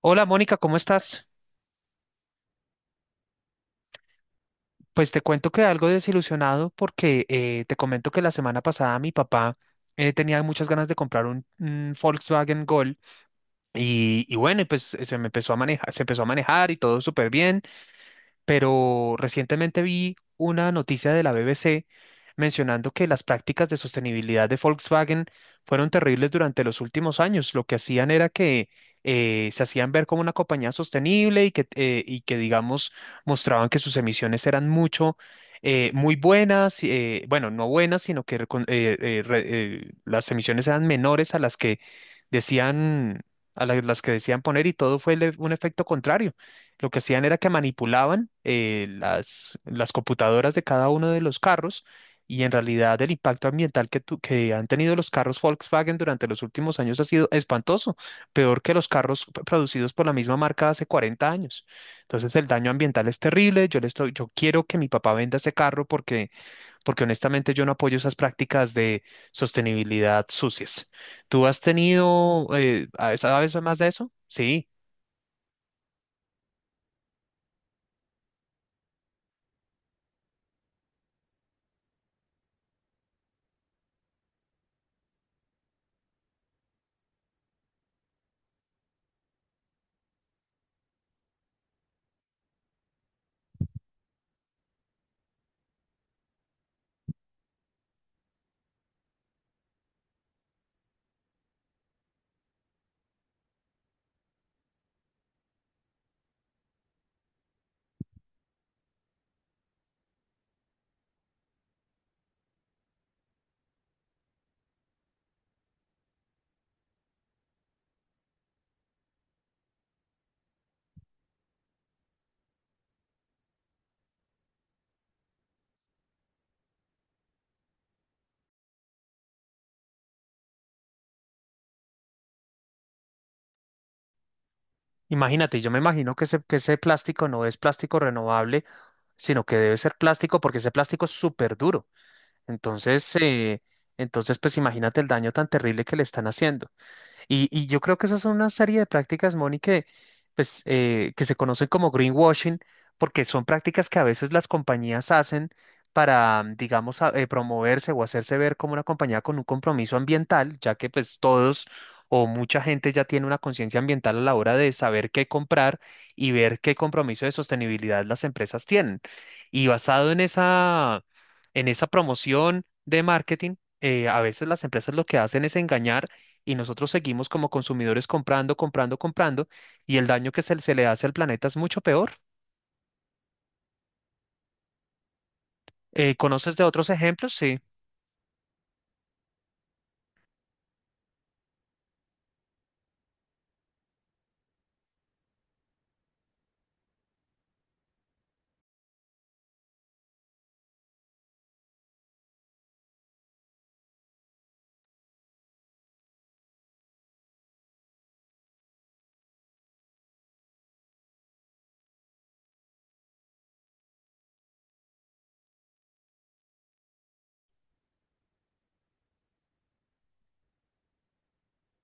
Hola Mónica, ¿cómo estás? Pues te cuento que algo desilusionado porque te comento que la semana pasada mi papá tenía muchas ganas de comprar un Volkswagen Gol y bueno, y pues se empezó a manejar y todo súper bien. Pero recientemente vi una noticia de la BBC mencionando que las prácticas de sostenibilidad de Volkswagen fueron terribles durante los últimos años. Lo que hacían era que se hacían ver como una compañía sostenible y que y que digamos, mostraban que sus emisiones eran muy buenas, bueno, no buenas, sino que las emisiones eran menores a las que decían, las que decían poner y todo fue un efecto contrario. Lo que hacían era que manipulaban las computadoras de cada uno de los carros y en realidad el impacto ambiental que han tenido los carros Volkswagen durante los últimos años ha sido espantoso, peor que los carros producidos por la misma marca hace 40 años. Entonces el daño ambiental es terrible. Yo quiero que mi papá venda ese carro porque, porque honestamente yo no apoyo esas prácticas de sostenibilidad sucias. ¿Tú has tenido, sabes más de eso? Sí. Imagínate, yo me imagino que ese plástico no es plástico renovable, sino que debe ser plástico porque ese plástico es súper duro. Entonces, eh, entonces, pues imagínate el daño tan terrible que le están haciendo. Y yo creo que esas son una serie de prácticas, Moni, pues, que se conocen como greenwashing, porque son prácticas que a veces las compañías hacen para, digamos, promoverse o hacerse ver como una compañía con un compromiso ambiental, ya que pues todos o mucha gente ya tiene una conciencia ambiental a la hora de saber qué comprar y ver qué compromiso de sostenibilidad las empresas tienen. Y basado en esa, en esa promoción de marketing, a veces las empresas lo que hacen es engañar y nosotros seguimos como consumidores comprando, comprando, comprando y el daño se le hace al planeta es mucho peor. ¿Conoces de otros ejemplos? Sí.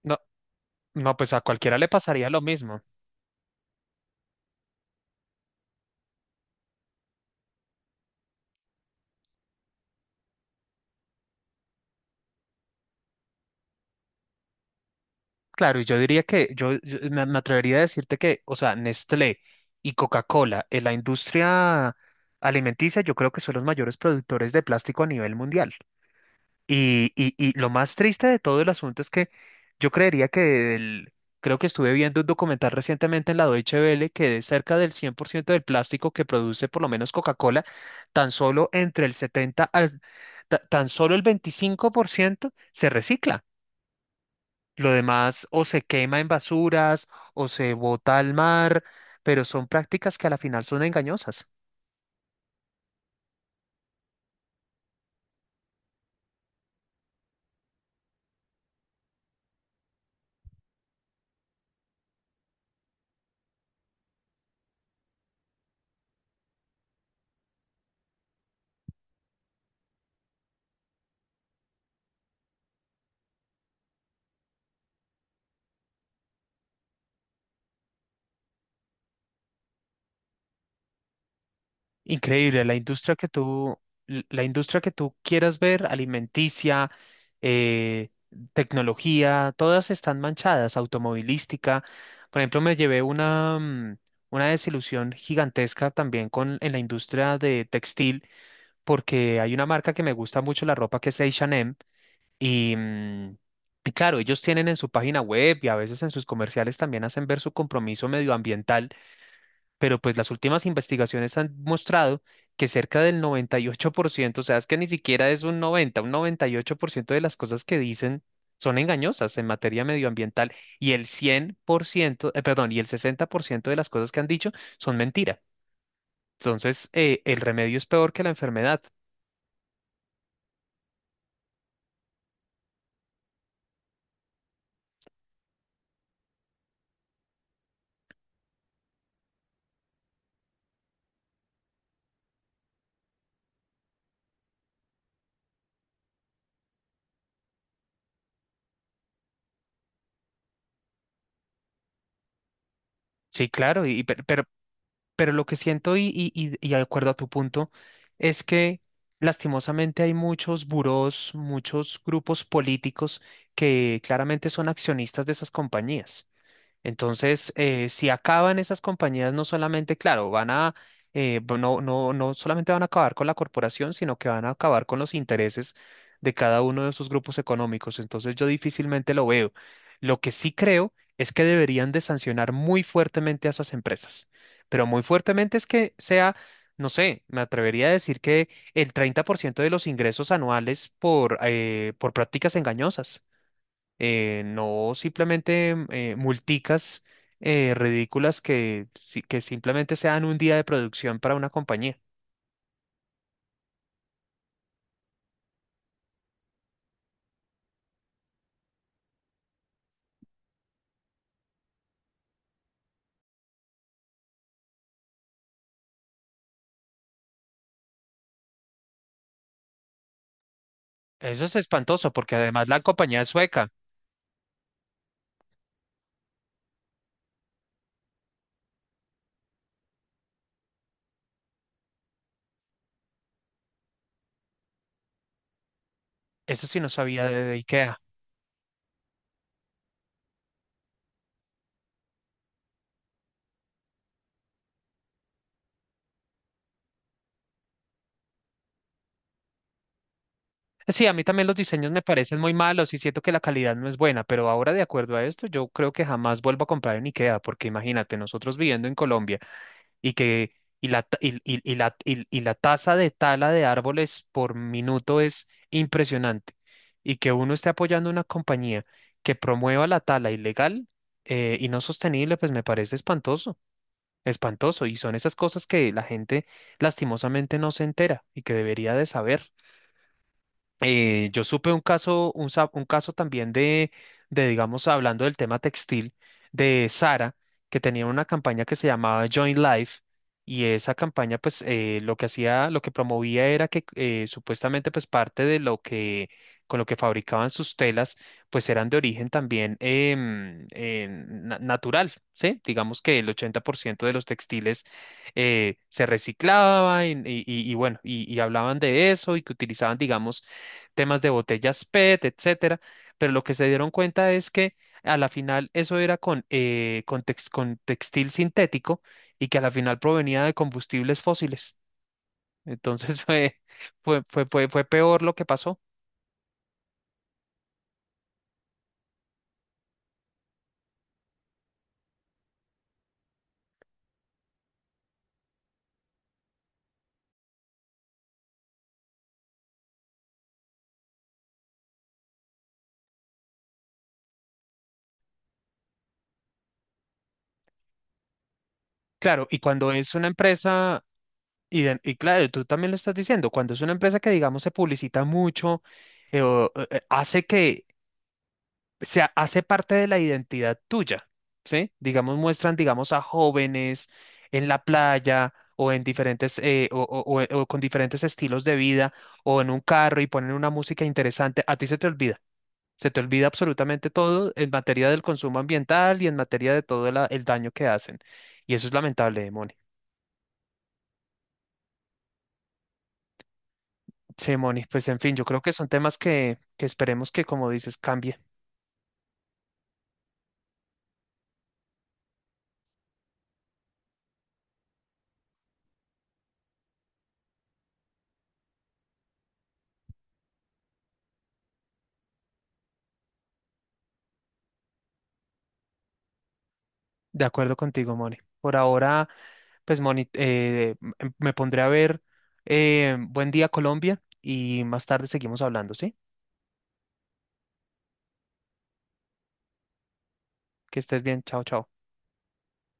No, no, pues a cualquiera le pasaría lo mismo. Claro, y yo diría que me atrevería a decirte que, o sea, Nestlé y Coca-Cola en la industria alimenticia, yo creo que son los mayores productores de plástico a nivel mundial. Y lo más triste de todo el asunto es que yo creería que creo que estuve viendo un documental recientemente en la Deutsche Welle que de cerca del 100% del plástico que produce por lo menos Coca-Cola, tan solo entre el 70 al, ta- tan solo el 25% se recicla. Lo demás o se quema en basuras o se bota al mar, pero son prácticas que a la final son engañosas. Increíble, la industria que tú quieras ver, alimenticia, eh, tecnología, todas están manchadas, automovilística. Por ejemplo, me llevé una desilusión gigantesca también en la industria de textil, porque hay una marca que me gusta mucho la ropa que es H&M y y claro, ellos tienen en su página web y a veces en sus comerciales también hacen ver su compromiso medioambiental pero pues las últimas investigaciones han mostrado que cerca del 98%, o sea, es que ni siquiera es un 98% de las cosas que dicen son engañosas en materia medioambiental y el 100%, perdón, y el 60% de las cosas que han dicho son mentira. Entonces, el remedio es peor que la enfermedad. Sí, claro, pero lo que siento y de acuerdo a tu punto es que lastimosamente hay muchos burós, muchos grupos políticos que claramente son accionistas de esas compañías. Entonces, si acaban esas compañías, no solamente, claro, van a, bu- no, no, no solamente van a acabar con la corporación, sino que van a acabar con los intereses de cada uno de sus grupos económicos. Entonces, yo difícilmente lo veo. Lo que sí creo es que deberían de sancionar muy fuertemente a esas empresas, pero muy fuertemente es que sea, no sé, me atrevería a decir que el 30% de los ingresos anuales por prácticas engañosas no simplemente multicas ridículas que, que simplemente sean un día de producción para una compañía. Eso es espantoso porque además la compañía es sueca. Eso sí no sabía de IKEA. Sí, a mí también los diseños me parecen muy malos y siento que la calidad no es buena, pero ahora de acuerdo a esto, yo creo que jamás vuelvo a comprar en IKEA porque imagínate, nosotros viviendo en Colombia y que y la, ta- y la tasa de tala de árboles por minuto es impresionante. Y que uno esté apoyando una compañía que promueva la tala ilegal y no sostenible, pues me parece espantoso, espantoso. Y son esas cosas que la gente lastimosamente no se entera y que debería de saber. Yo supe un caso también de, digamos, hablando del tema textil, de Sara, que tenía una campaña que se llamaba Join Life, y esa campaña, pues, lo que hacía, lo que promovía era que supuestamente, pues, parte de lo que, con lo que fabricaban sus telas, pues, eran de origen también em, natural, ¿sí? Digamos que el 80% de los textiles se reciclaban y bueno, y hablaban de eso y que utilizaban, digamos, temas de botellas PET, etcétera, pero lo que se dieron cuenta es que a la final eso era con, con textil sintético y que a la final provenía de combustibles fósiles. Entonces fue peor lo que pasó. Claro, y cuando es una empresa, y claro, tú también lo estás diciendo, cuando es una empresa que digamos se publicita mucho, hace que hace parte de la identidad tuya, ¿sí? Digamos, muestran, digamos, a jóvenes en la playa o en diferentes, o con diferentes estilos de vida o en un carro y ponen una música interesante, a ti se te olvida. Se te olvida absolutamente todo en materia del consumo ambiental y en materia de todo el daño que hacen. Y eso es lamentable, Moni. Sí, Moni, pues en fin, yo creo que son temas que esperemos que, como dices, cambie. De acuerdo contigo, Moni. Por ahora, me pondré a ver Buen Día Colombia y más tarde seguimos hablando, ¿sí? Que estés bien, chao, chao.